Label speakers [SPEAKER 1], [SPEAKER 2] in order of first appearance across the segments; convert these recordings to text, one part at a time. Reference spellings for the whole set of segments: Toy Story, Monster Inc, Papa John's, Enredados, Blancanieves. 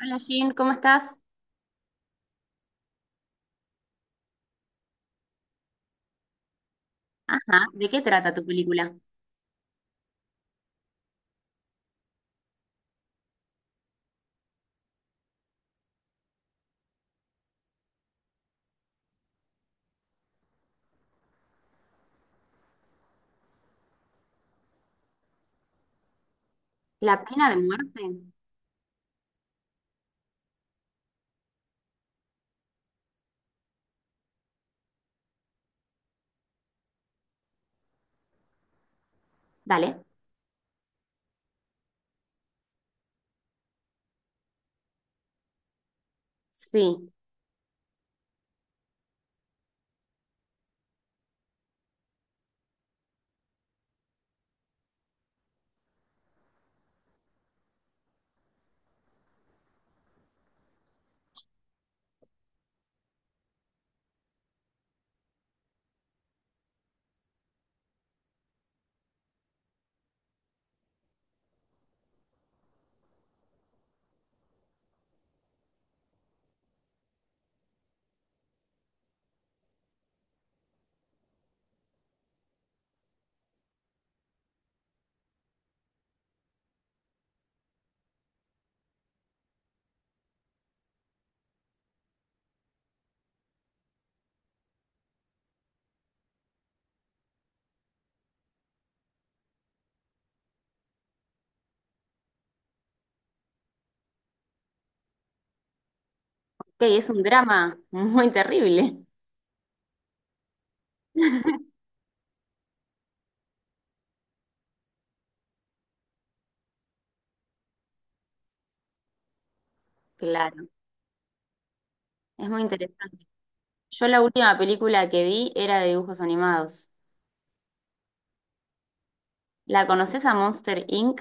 [SPEAKER 1] Hola Jean, ¿cómo estás? Ajá, ¿de qué trata tu película? ¿La pena de muerte? Dale. Sí, que es un drama muy terrible. Claro, es muy interesante. Yo la última película que vi era de dibujos animados. ¿La conoces a Monster Inc?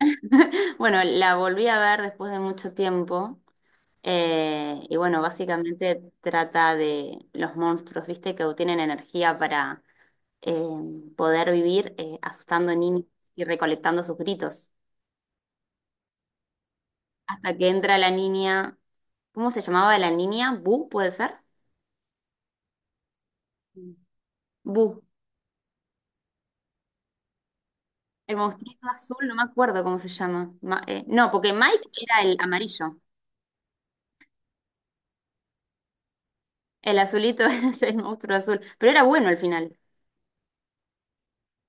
[SPEAKER 1] Bueno, la volví a ver después de mucho tiempo. Y bueno, básicamente trata de los monstruos, ¿viste? Que obtienen energía para eh, poder vivir asustando niños y recolectando sus gritos. Hasta que entra la niña, ¿cómo se llamaba la niña? ¿Bu, puede ser? Bu, el monstruito azul, no me acuerdo cómo se llama. No, porque Mike era el amarillo, el azulito es el monstruo azul, pero era bueno al final.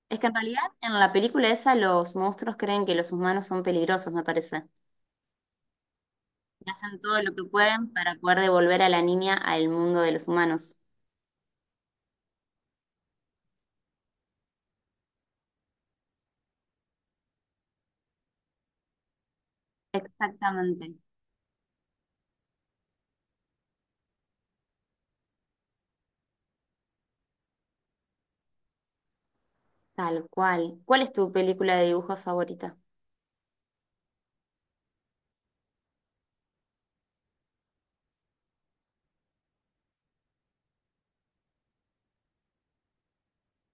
[SPEAKER 1] Es que en realidad en la película esa los monstruos creen que los humanos son peligrosos, me parece. Y hacen todo lo que pueden para poder devolver a la niña al mundo de los humanos. Exactamente, tal cual. ¿Cuál es tu película de dibujos favorita?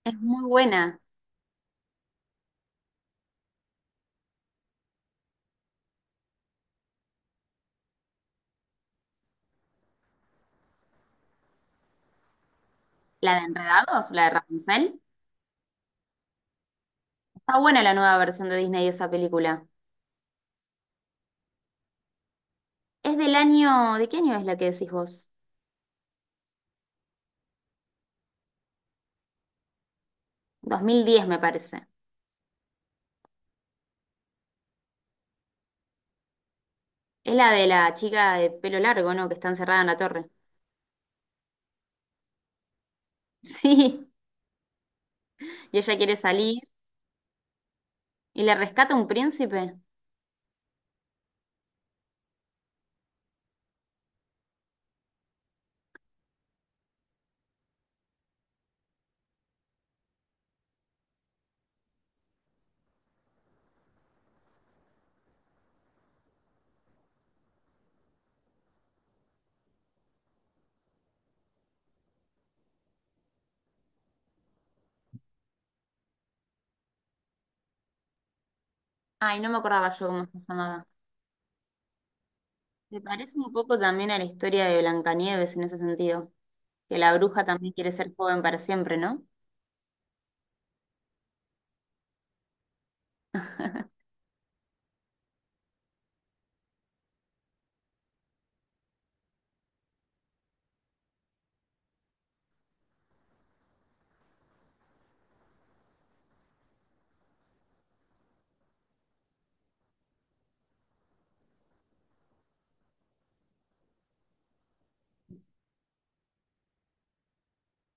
[SPEAKER 1] Es muy buena. La de Enredados, la de Rapunzel. Está buena la nueva versión de Disney de esa película. Es del año, ¿de qué año es la que decís vos? 2010 me parece. Es la de la chica de pelo largo, ¿no? Que está encerrada en la torre. Sí, y ella quiere salir y le rescata un príncipe. Ay, no me acordaba yo cómo se llamaba. Me parece un poco también a la historia de Blancanieves en ese sentido, que la bruja también quiere ser joven para siempre, ¿no?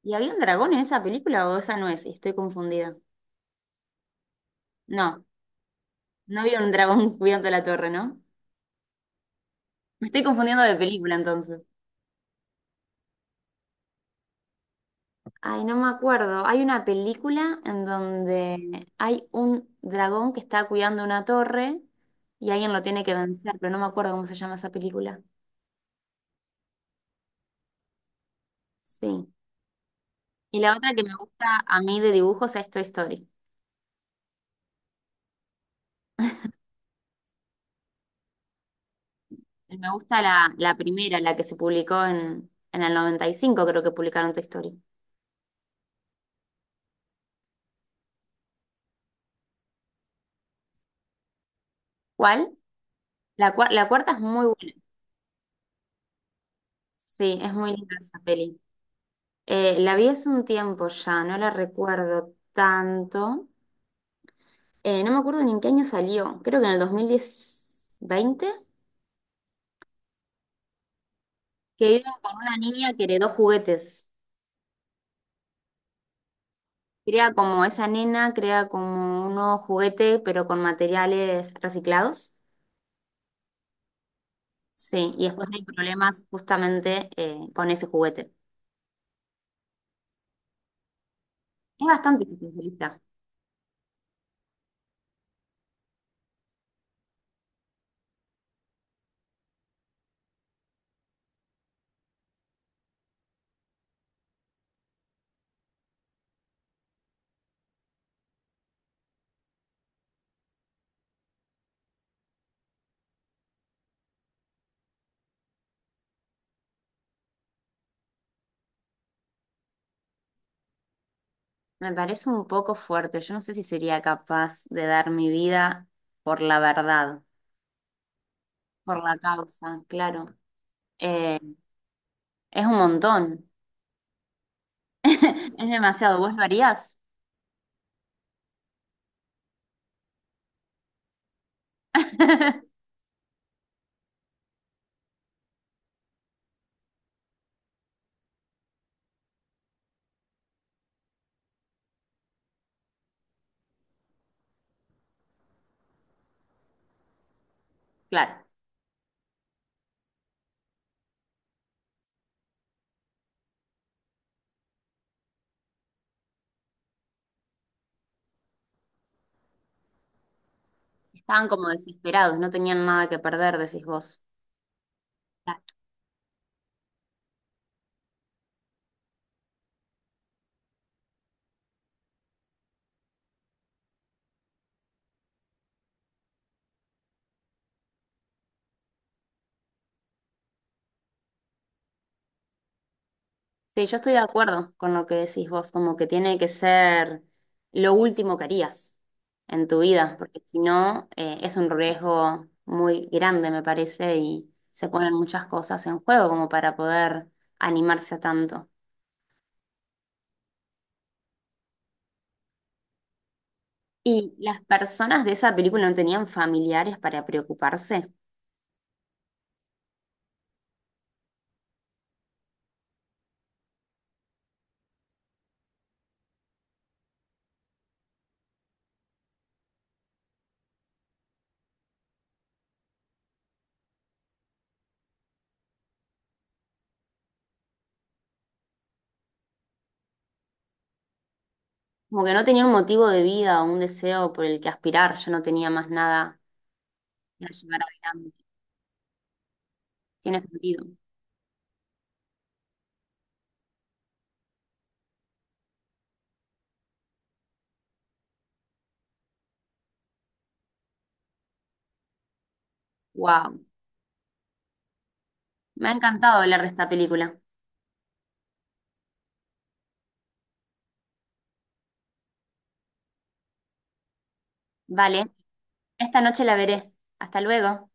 [SPEAKER 1] ¿Y había un dragón en esa película o esa no es? Estoy confundida. No, no había un dragón cuidando la torre, ¿no? Me estoy confundiendo de película entonces. Ay, no me acuerdo. Hay una película en donde hay un dragón que está cuidando una torre y alguien lo tiene que vencer, pero no me acuerdo cómo se llama esa película. Sí. Y la otra que me gusta a mí de dibujos es Toy Story. Me gusta la primera, la que se publicó en el 95, creo que publicaron Toy Story. ¿Cuál? La cuarta es muy buena. Sí, es muy linda esa peli. La vi hace un tiempo ya, no la recuerdo tanto. No me acuerdo ni en qué año salió, creo que en el 2020 que iban con una niña que heredó juguetes. Crea como esa nena, crea como un nuevo juguete, pero con materiales reciclados. Sí, y después hay problemas justamente con ese juguete. Es bastante existencialista. Me parece un poco fuerte. Yo no sé si sería capaz de dar mi vida por la verdad, por la causa, claro. Eh, es un montón. Es demasiado. ¿Vos lo harías? Claro, estaban como desesperados, no tenían nada que perder, decís vos. Claro. Sí, yo estoy de acuerdo con lo que decís vos, como que tiene que ser lo último que harías en tu vida, porque si no, es un riesgo muy grande, me parece, y se ponen muchas cosas en juego como para poder animarse a tanto. Y las personas de esa película no tenían familiares para preocuparse, como que no tenía un motivo de vida o un deseo por el que aspirar, ya no tenía más nada que llevar adelante. Tiene sentido. Wow. Me ha encantado hablar de esta película. Vale, esta noche la veré. Hasta luego.